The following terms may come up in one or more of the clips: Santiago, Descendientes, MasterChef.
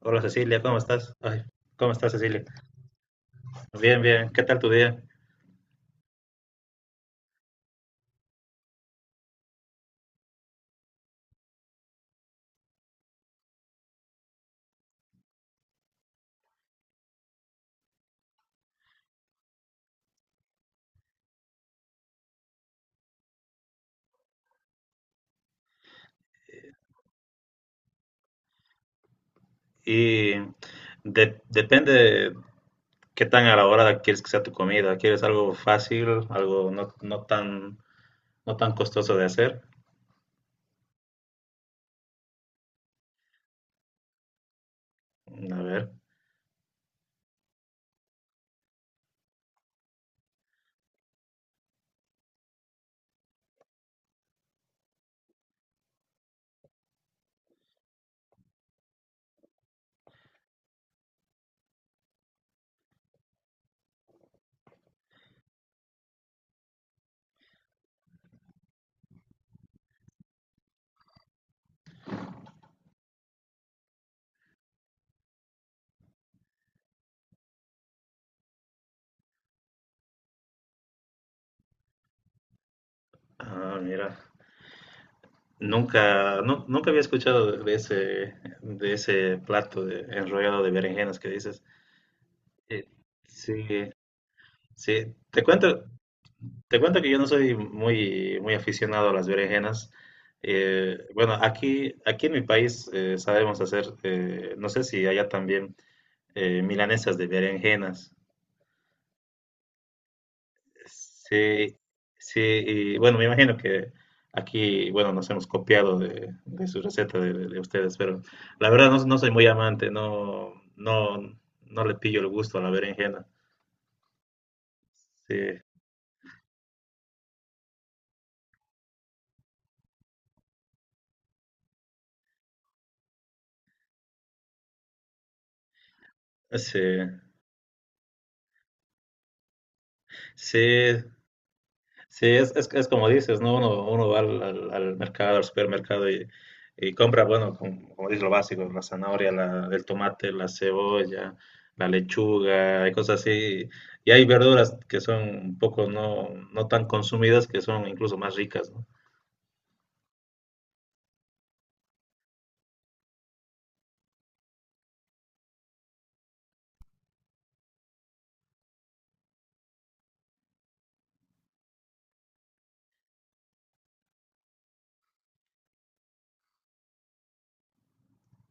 Hola Cecilia, ¿cómo estás? Ay, ¿cómo estás Cecilia? Bien, bien, ¿qué tal tu día? Y depende qué tan elaborada quieres que sea tu comida. ¿Quieres algo fácil, algo no, no tan, no tan costoso de hacer? A ver, ah, mira, nunca, nunca había escuchado de ese, de ese plato de enrollado de berenjenas que dices. Eh, Sí, sí, te cuento. Te cuento que yo no soy muy, muy aficionado a las berenjenas. Bueno, aquí, aquí en mi país sabemos hacer, no sé si allá también, milanesas de berenjenas. Sí, sí, y bueno, me imagino que aquí, bueno, nos hemos copiado de su receta de ustedes, pero la verdad no, no soy muy amante, no, no, no le pillo el gusto a la berenjena. Sí, sí, sí. Sí, es como dices, ¿no? Uno, uno va al, al mercado, al supermercado y compra, bueno, como, como dices, lo básico, la zanahoria, la, el tomate, la cebolla, la lechuga, y cosas así. Y hay verduras que son un poco no, no tan consumidas, que son incluso más ricas, ¿no?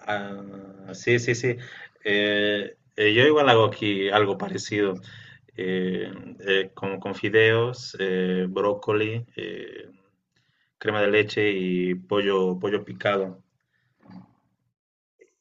Ah, sí, sí, sí. Yo igual hago aquí algo parecido, eh, con fideos, brócoli, crema de leche y pollo, pollo picado.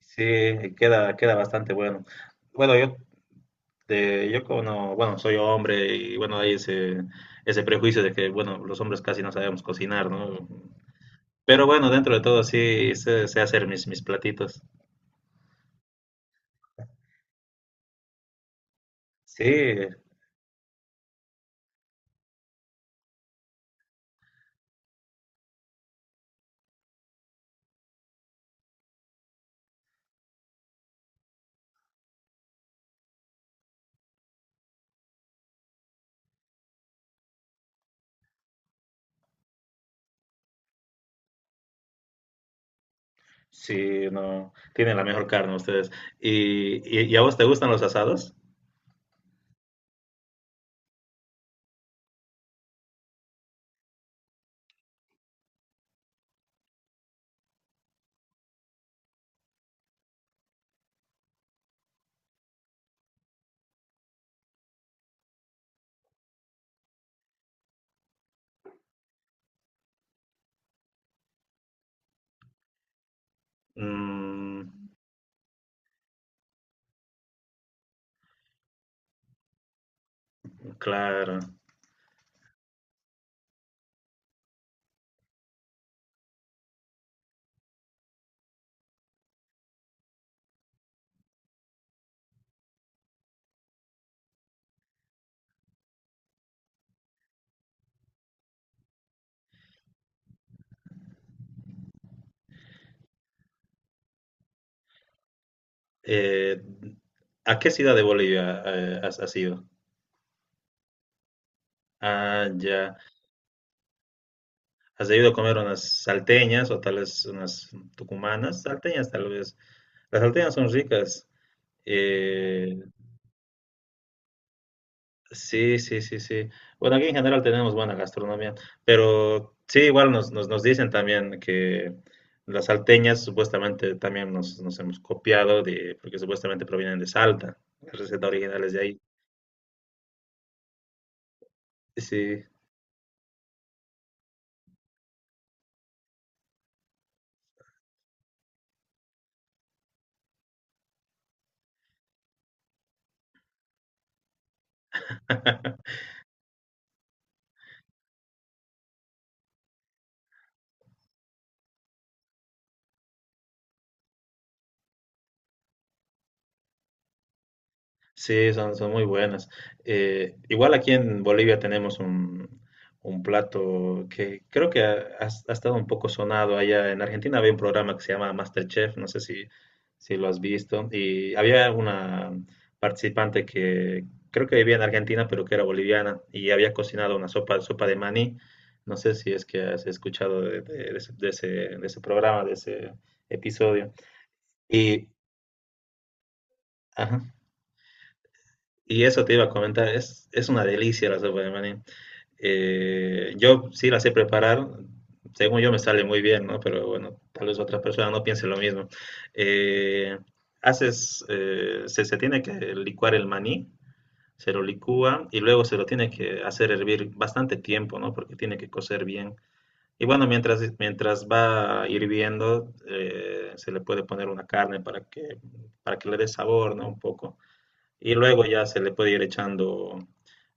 Sí, queda, queda bastante bueno. Bueno, yo, yo como, bueno, soy hombre y bueno, hay ese, ese prejuicio de que, bueno, los hombres casi no sabemos cocinar, ¿no? Pero bueno, dentro de todo sí sé, sé hacer mis, mis platitos. Sí, sí, no, tienen la mejor carne ustedes. Y a vos te gustan los asados? Mm, claro. Eh, ¿A qué ciudad de Bolivia has, has ido? Ah, ya. ¿Has debido comer unas salteñas o tal vez unas tucumanas? Salteñas tal vez. Las salteñas son ricas. Eh, sí, sí, sí, sí. Bueno, aquí en general tenemos buena gastronomía, pero sí, igual nos, nos, nos dicen también que las salteñas supuestamente también nos, nos hemos copiado de, porque supuestamente provienen de Salta. La receta original de ahí. Sí. Sí, son, son muy buenas. Igual aquí en Bolivia tenemos un plato que creo que ha, ha estado un poco sonado allá. En Argentina había un programa que se llama MasterChef, no sé si, si lo has visto. Y había una participante que creo que vivía en Argentina, pero que era boliviana y había cocinado una sopa, sopa de maní. No sé si es que has escuchado de, de ese, de ese de ese programa, de ese episodio. Y, ajá. Y eso te iba a comentar, es una delicia la sopa de maní. Yo sí la sé preparar, según yo me sale muy bien, ¿no? Pero bueno, tal vez otras personas no piensen lo mismo. Eh, haces, se, se tiene que licuar el maní, se lo licúa y luego se lo tiene que hacer hervir bastante tiempo, ¿no? Porque tiene que cocer bien. Y bueno, mientras, mientras va hirviendo, se le puede poner una carne para que le dé sabor, ¿no? Un poco. Y luego ya se le puede ir echando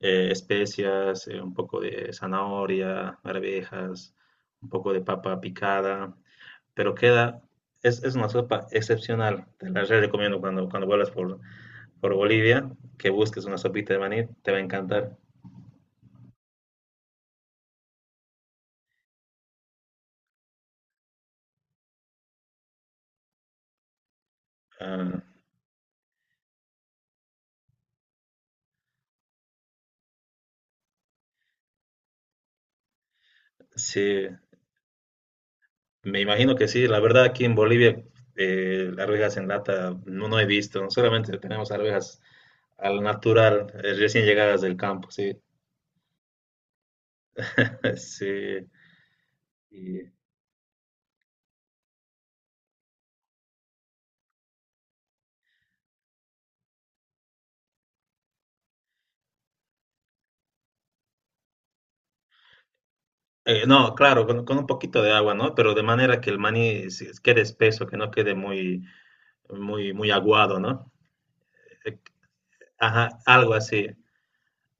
especias, un poco de zanahoria, arvejas, un poco de papa picada, pero queda, es una sopa excepcional. Te la re recomiendo cuando, cuando vuelas por Bolivia, que busques una sopita de maní, te va a encantar. Ah, sí, me imagino que sí. La verdad, aquí en Bolivia, arvejas en lata no, no he visto, solamente tenemos arvejas al natural, recién llegadas del campo, sí. Sí, y, no, claro, con un poquito de agua, ¿no? Pero de manera que el maní quede espeso, que no quede muy, muy, muy aguado, ¿no? Eh, ajá, algo así.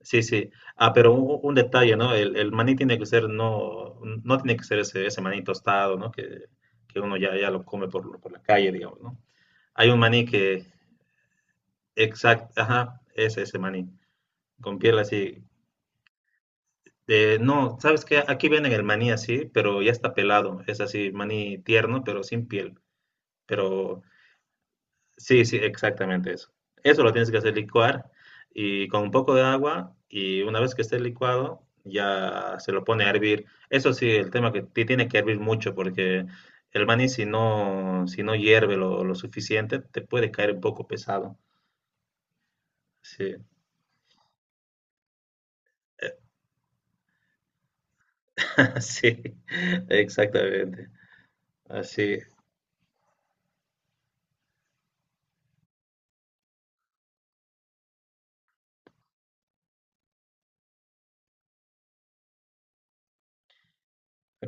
Sí, sí. Ah, pero un detalle, ¿no? El maní tiene que ser, no, no tiene que ser ese, ese maní tostado, ¿no? Que uno ya, ya lo come por la calle, digamos, ¿no? Hay un maní que, exacto, ajá, es ese maní, con piel así. No, ¿sabes qué? Aquí venden el maní así, pero ya está pelado. Es así, maní tierno, pero sin piel. Pero sí, sí, exactamente eso. Eso lo tienes que hacer licuar y con un poco de agua y una vez que esté licuado ya se lo pone a hervir. Eso sí, el tema que tiene que hervir mucho porque el maní si no, si no hierve lo suficiente te puede caer un poco pesado. Sí, sí, exactamente. Así,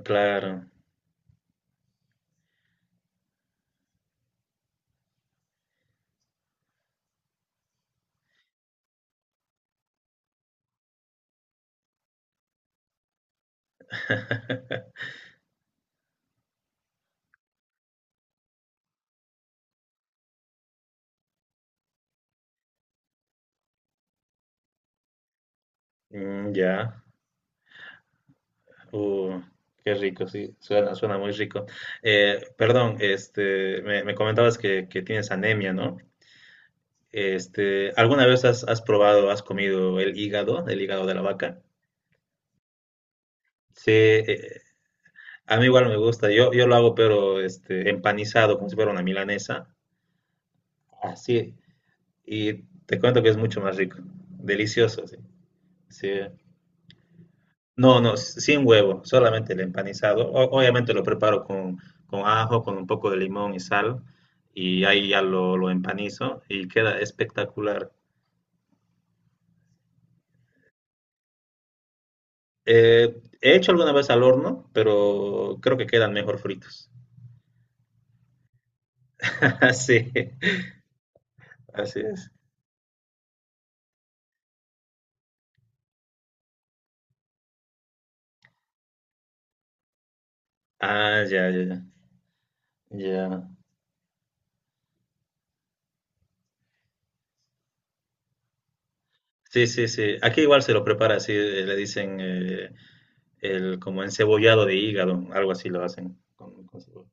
claro. Mm, ya. Uh, qué rico, sí, suena, suena muy rico. Perdón, este, me comentabas que tienes anemia, ¿no? Este, ¿alguna vez has, has probado, has comido el hígado de la vaca? Sí, a mí igual me gusta. Yo lo hago, pero este, empanizado, como si fuera una milanesa. Así. Y te cuento que es mucho más rico. Delicioso, sí. Sí. No, no, sin huevo, solamente el empanizado. Obviamente lo preparo con ajo, con un poco de limón y sal, y ahí ya lo empanizo y queda espectacular. Eh, he hecho alguna vez al horno, pero creo que quedan mejor fritos. Sí, así es. Ah, ya, ya, ya. Ya. Sí, sí, sí. Aquí igual se lo prepara así, le dicen el como encebollado de hígado, algo así lo hacen con cebolla.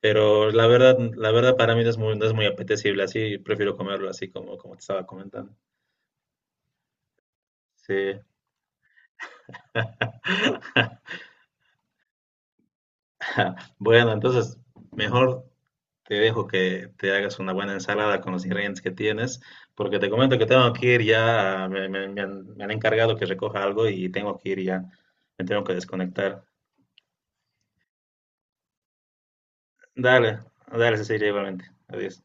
Pero la verdad para mí no es muy, no es muy apetecible así, prefiero comerlo así como, como te estaba comentando. Sí. Bueno, entonces mejor te dejo que te hagas una buena ensalada con los ingredientes que tienes, porque te comento que tengo que ir ya, me, me han encargado que recoja algo y tengo que ir ya, me tengo que desconectar. Dale, dale, Cecilia, igualmente. Adiós.